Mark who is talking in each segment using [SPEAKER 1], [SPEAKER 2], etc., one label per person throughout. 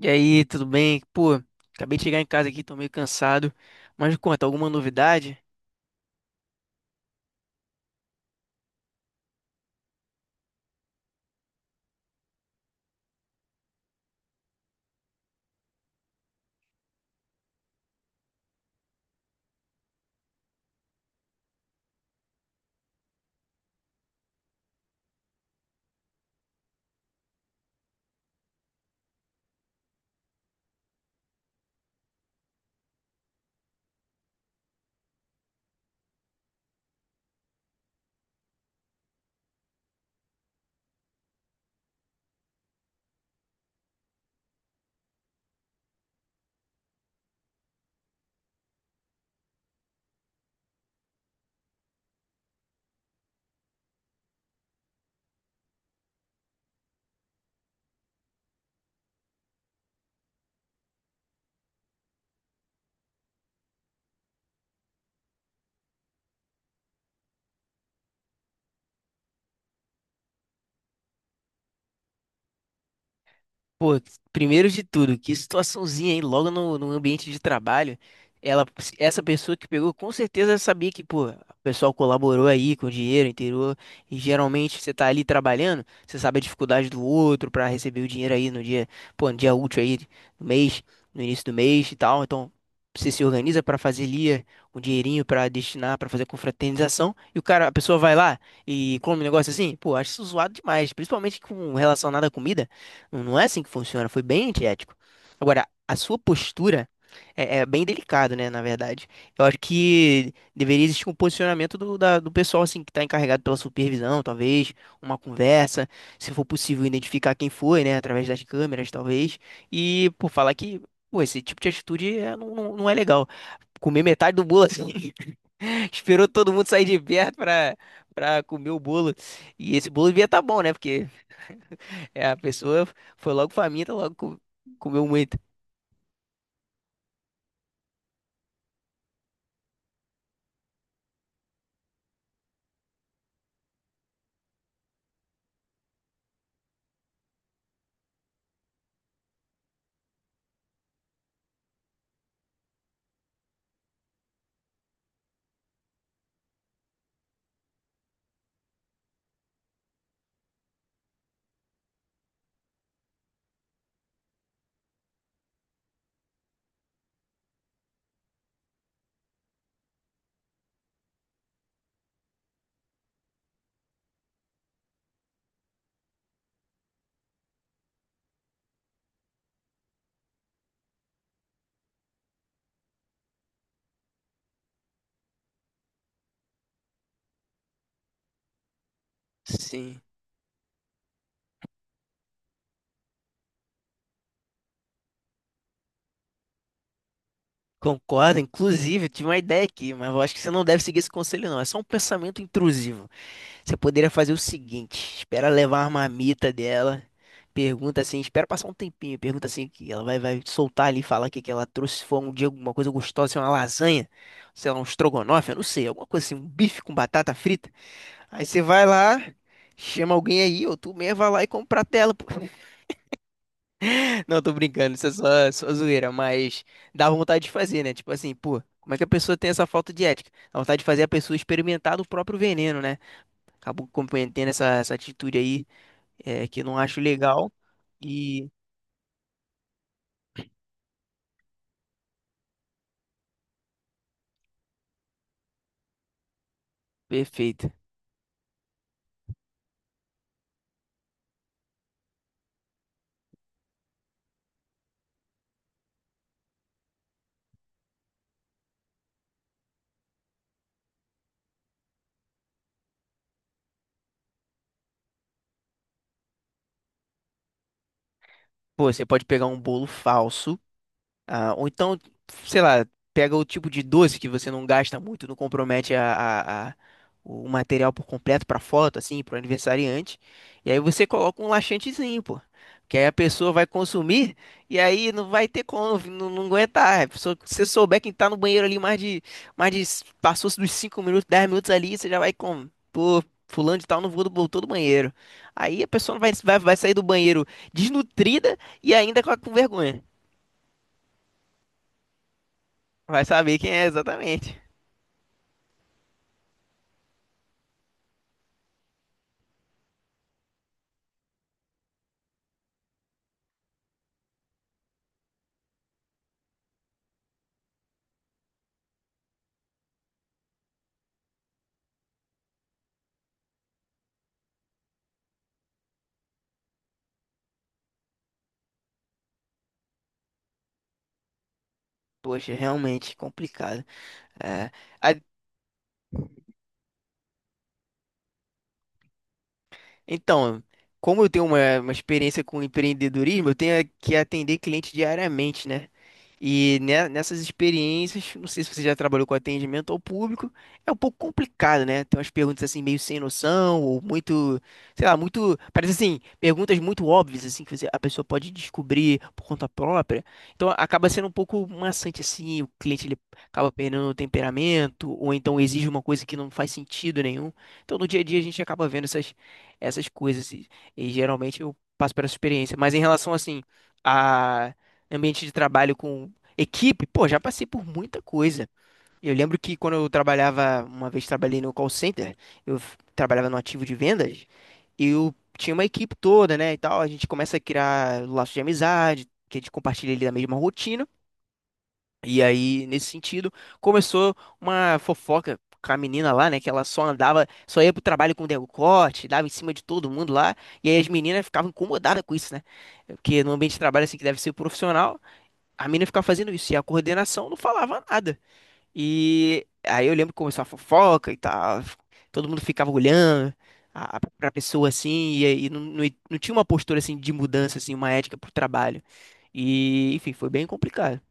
[SPEAKER 1] E aí, tudo bem? Pô, acabei de chegar em casa aqui, tô meio cansado. Mas me conta, alguma novidade? Pô, primeiro de tudo, que situaçãozinha, hein? Logo no ambiente de trabalho, ela, essa pessoa que pegou, com certeza sabia que, pô, o pessoal colaborou aí com o dinheiro, inteirou, e geralmente você tá ali trabalhando, você sabe a dificuldade do outro pra receber o dinheiro aí no dia, pô, no dia útil aí do mês, no início do mês e tal, então você se organiza pra fazer ali um dinheirinho pra destinar, pra fazer confraternização, e a pessoa vai lá e come um negócio assim, pô, acho isso zoado demais, principalmente com relacionado à comida. Não, não é assim que funciona. Foi bem antiético. Agora, a sua postura é bem delicado, né? Na verdade, eu acho que deveria existir um posicionamento do pessoal assim que está encarregado pela supervisão, talvez uma conversa, se for possível identificar quem foi, né? Através das câmeras, talvez, e por falar que pô, esse tipo de atitude não, não, não é legal. Comer metade do bolo assim, esperou todo mundo sair de perto pra, pra comer o bolo. E esse bolo devia estar bom, né? Porque a pessoa foi logo faminta, logo comeu muito. Sim. Concordo, inclusive, eu tive uma ideia aqui, mas eu acho que você não deve seguir esse conselho, não. É só um pensamento intrusivo. Você poderia fazer o seguinte: espera levar a marmita dela, pergunta assim, espera passar um tempinho, pergunta assim, que ela vai soltar ali e falar o que que ela trouxe, se for um dia alguma coisa gostosa, se é uma lasanha, sei lá, um estrogonofe, eu não sei, alguma coisa assim, um bife com batata frita. Aí você vai lá, chama alguém aí, ou tu mesmo vai lá e compra a tela, pô. Não, tô brincando, isso é só, zoeira, mas dá vontade de fazer, né? Tipo assim, pô, como é que a pessoa tem essa falta de ética? Dá vontade de fazer a pessoa experimentar do próprio veneno, né? Acabou cometendo essa atitude aí, que eu não acho legal. E perfeito. Pô, você pode pegar um bolo falso. Ah, ou então, sei lá, pega o tipo de doce que você não gasta muito, não compromete o material por completo para foto, assim, para o aniversariante. E aí você coloca um laxantezinho, pô. Que aí a pessoa vai consumir e aí não vai ter como, não aguentar. Se você souber quem tá no banheiro ali mais de, passou dos 5 minutos, 10 minutos ali, você já vai com, pô, fulano de tal não vou- voltou do banheiro. Aí a pessoa vai sair do banheiro desnutrida e ainda com vergonha. Vai saber quem é exatamente. Poxa, realmente complicado. É. A- Então, como eu tenho uma experiência com empreendedorismo, eu tenho que atender cliente diariamente, né? E nessas experiências, não sei se você já trabalhou com atendimento ao público, é um pouco complicado, né? Tem umas perguntas assim meio sem noção, ou muito, sei lá, muito, parece assim, perguntas muito óbvias assim que a pessoa pode descobrir por conta própria. Então acaba sendo um pouco maçante assim, o cliente ele acaba perdendo o temperamento, ou então exige uma coisa que não faz sentido nenhum. Então no dia a dia a gente acaba vendo essas coisas. E geralmente eu passo por essa experiência. Mas em relação, assim, a ambiente de trabalho com equipe, pô, já passei por muita coisa. Eu lembro que quando eu trabalhava, uma vez trabalhei no call center, trabalhava no ativo de vendas, eu tinha uma equipe toda, né, e tal. A gente começa a criar laços de amizade, que a gente compartilha ali da mesma rotina. E aí, nesse sentido, começou uma fofoca com a menina lá, né? Que ela só andava, só ia pro trabalho com decote, dava em cima de todo mundo lá. E aí as meninas ficavam incomodadas com isso, né? Porque no ambiente de trabalho, assim, que deve ser profissional, a menina ficava fazendo isso. E a coordenação não falava nada. E aí eu lembro que começou a fofoca e tal. Todo mundo ficava olhando pra pessoa, assim. E aí não tinha uma postura, assim, de mudança, assim, uma ética pro trabalho. E, enfim, foi bem complicado.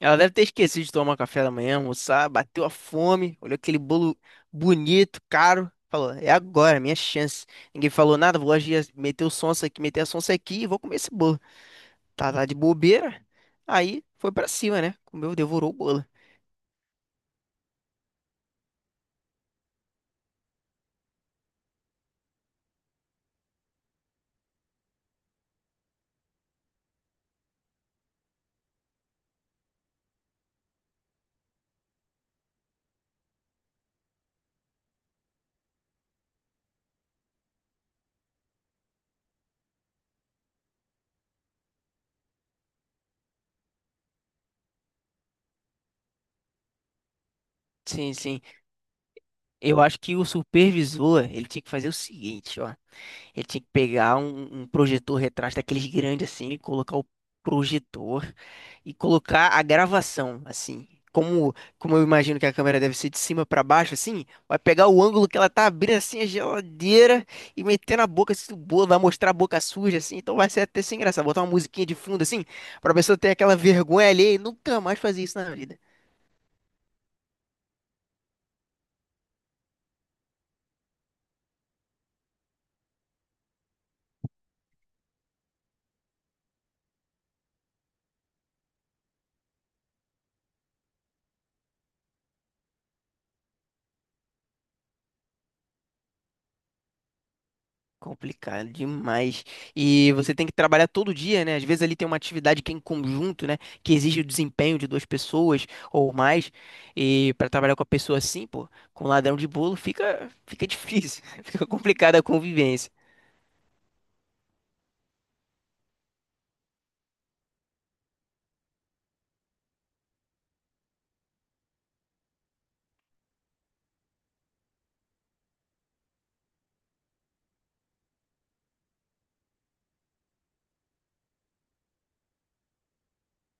[SPEAKER 1] Ela deve ter esquecido de tomar café da manhã, almoçar, bateu a fome, olhou aquele bolo bonito, caro, falou: É agora, minha chance. Ninguém falou nada, vou agir, meter o sonso aqui, meter a sonsa aqui e vou comer esse bolo. Tá, tá de bobeira. Aí foi pra cima, né? Comeu, devorou o bolo. Sim, sim. Eu acho que o supervisor, ele tinha que fazer o seguinte, ó. Ele tinha que pegar um projetor retrátil daqueles grandes assim, colocar o projetor e colocar a gravação assim. Como eu imagino que a câmera deve ser de cima para baixo, assim, vai pegar o ângulo que ela tá abrindo assim a geladeira e meter na boca, assim, do bolo, vai mostrar a boca suja, assim, então vai ser até sem graça. Botar uma musiquinha de fundo, assim, pra pessoa ter aquela vergonha ali e nunca mais fazer isso na vida. Complicado demais. E você tem que trabalhar todo dia, né? Às vezes ali tem uma atividade que é em conjunto, né? Que exige o desempenho de 2 pessoas ou mais. E para trabalhar com a pessoa assim, pô, com ladrão de bolo, fica difícil. Fica complicada a convivência.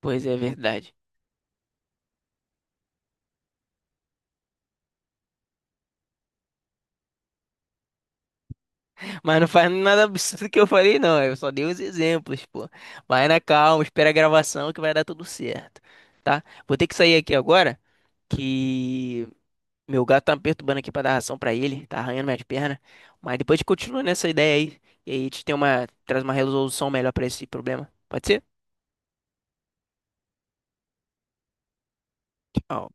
[SPEAKER 1] Pois é, é verdade. Mas não faz nada absurdo que eu falei, não. Eu só dei os exemplos, pô. Vai na calma, espera a gravação que vai dar tudo certo, tá? Vou ter que sair aqui agora, que meu gato tá me perturbando aqui pra dar ração pra ele, tá arranhando minhas pernas. Mas depois a gente continua nessa ideia aí. E aí a gente traz uma resolução melhor pra esse problema. Pode ser? Tchau.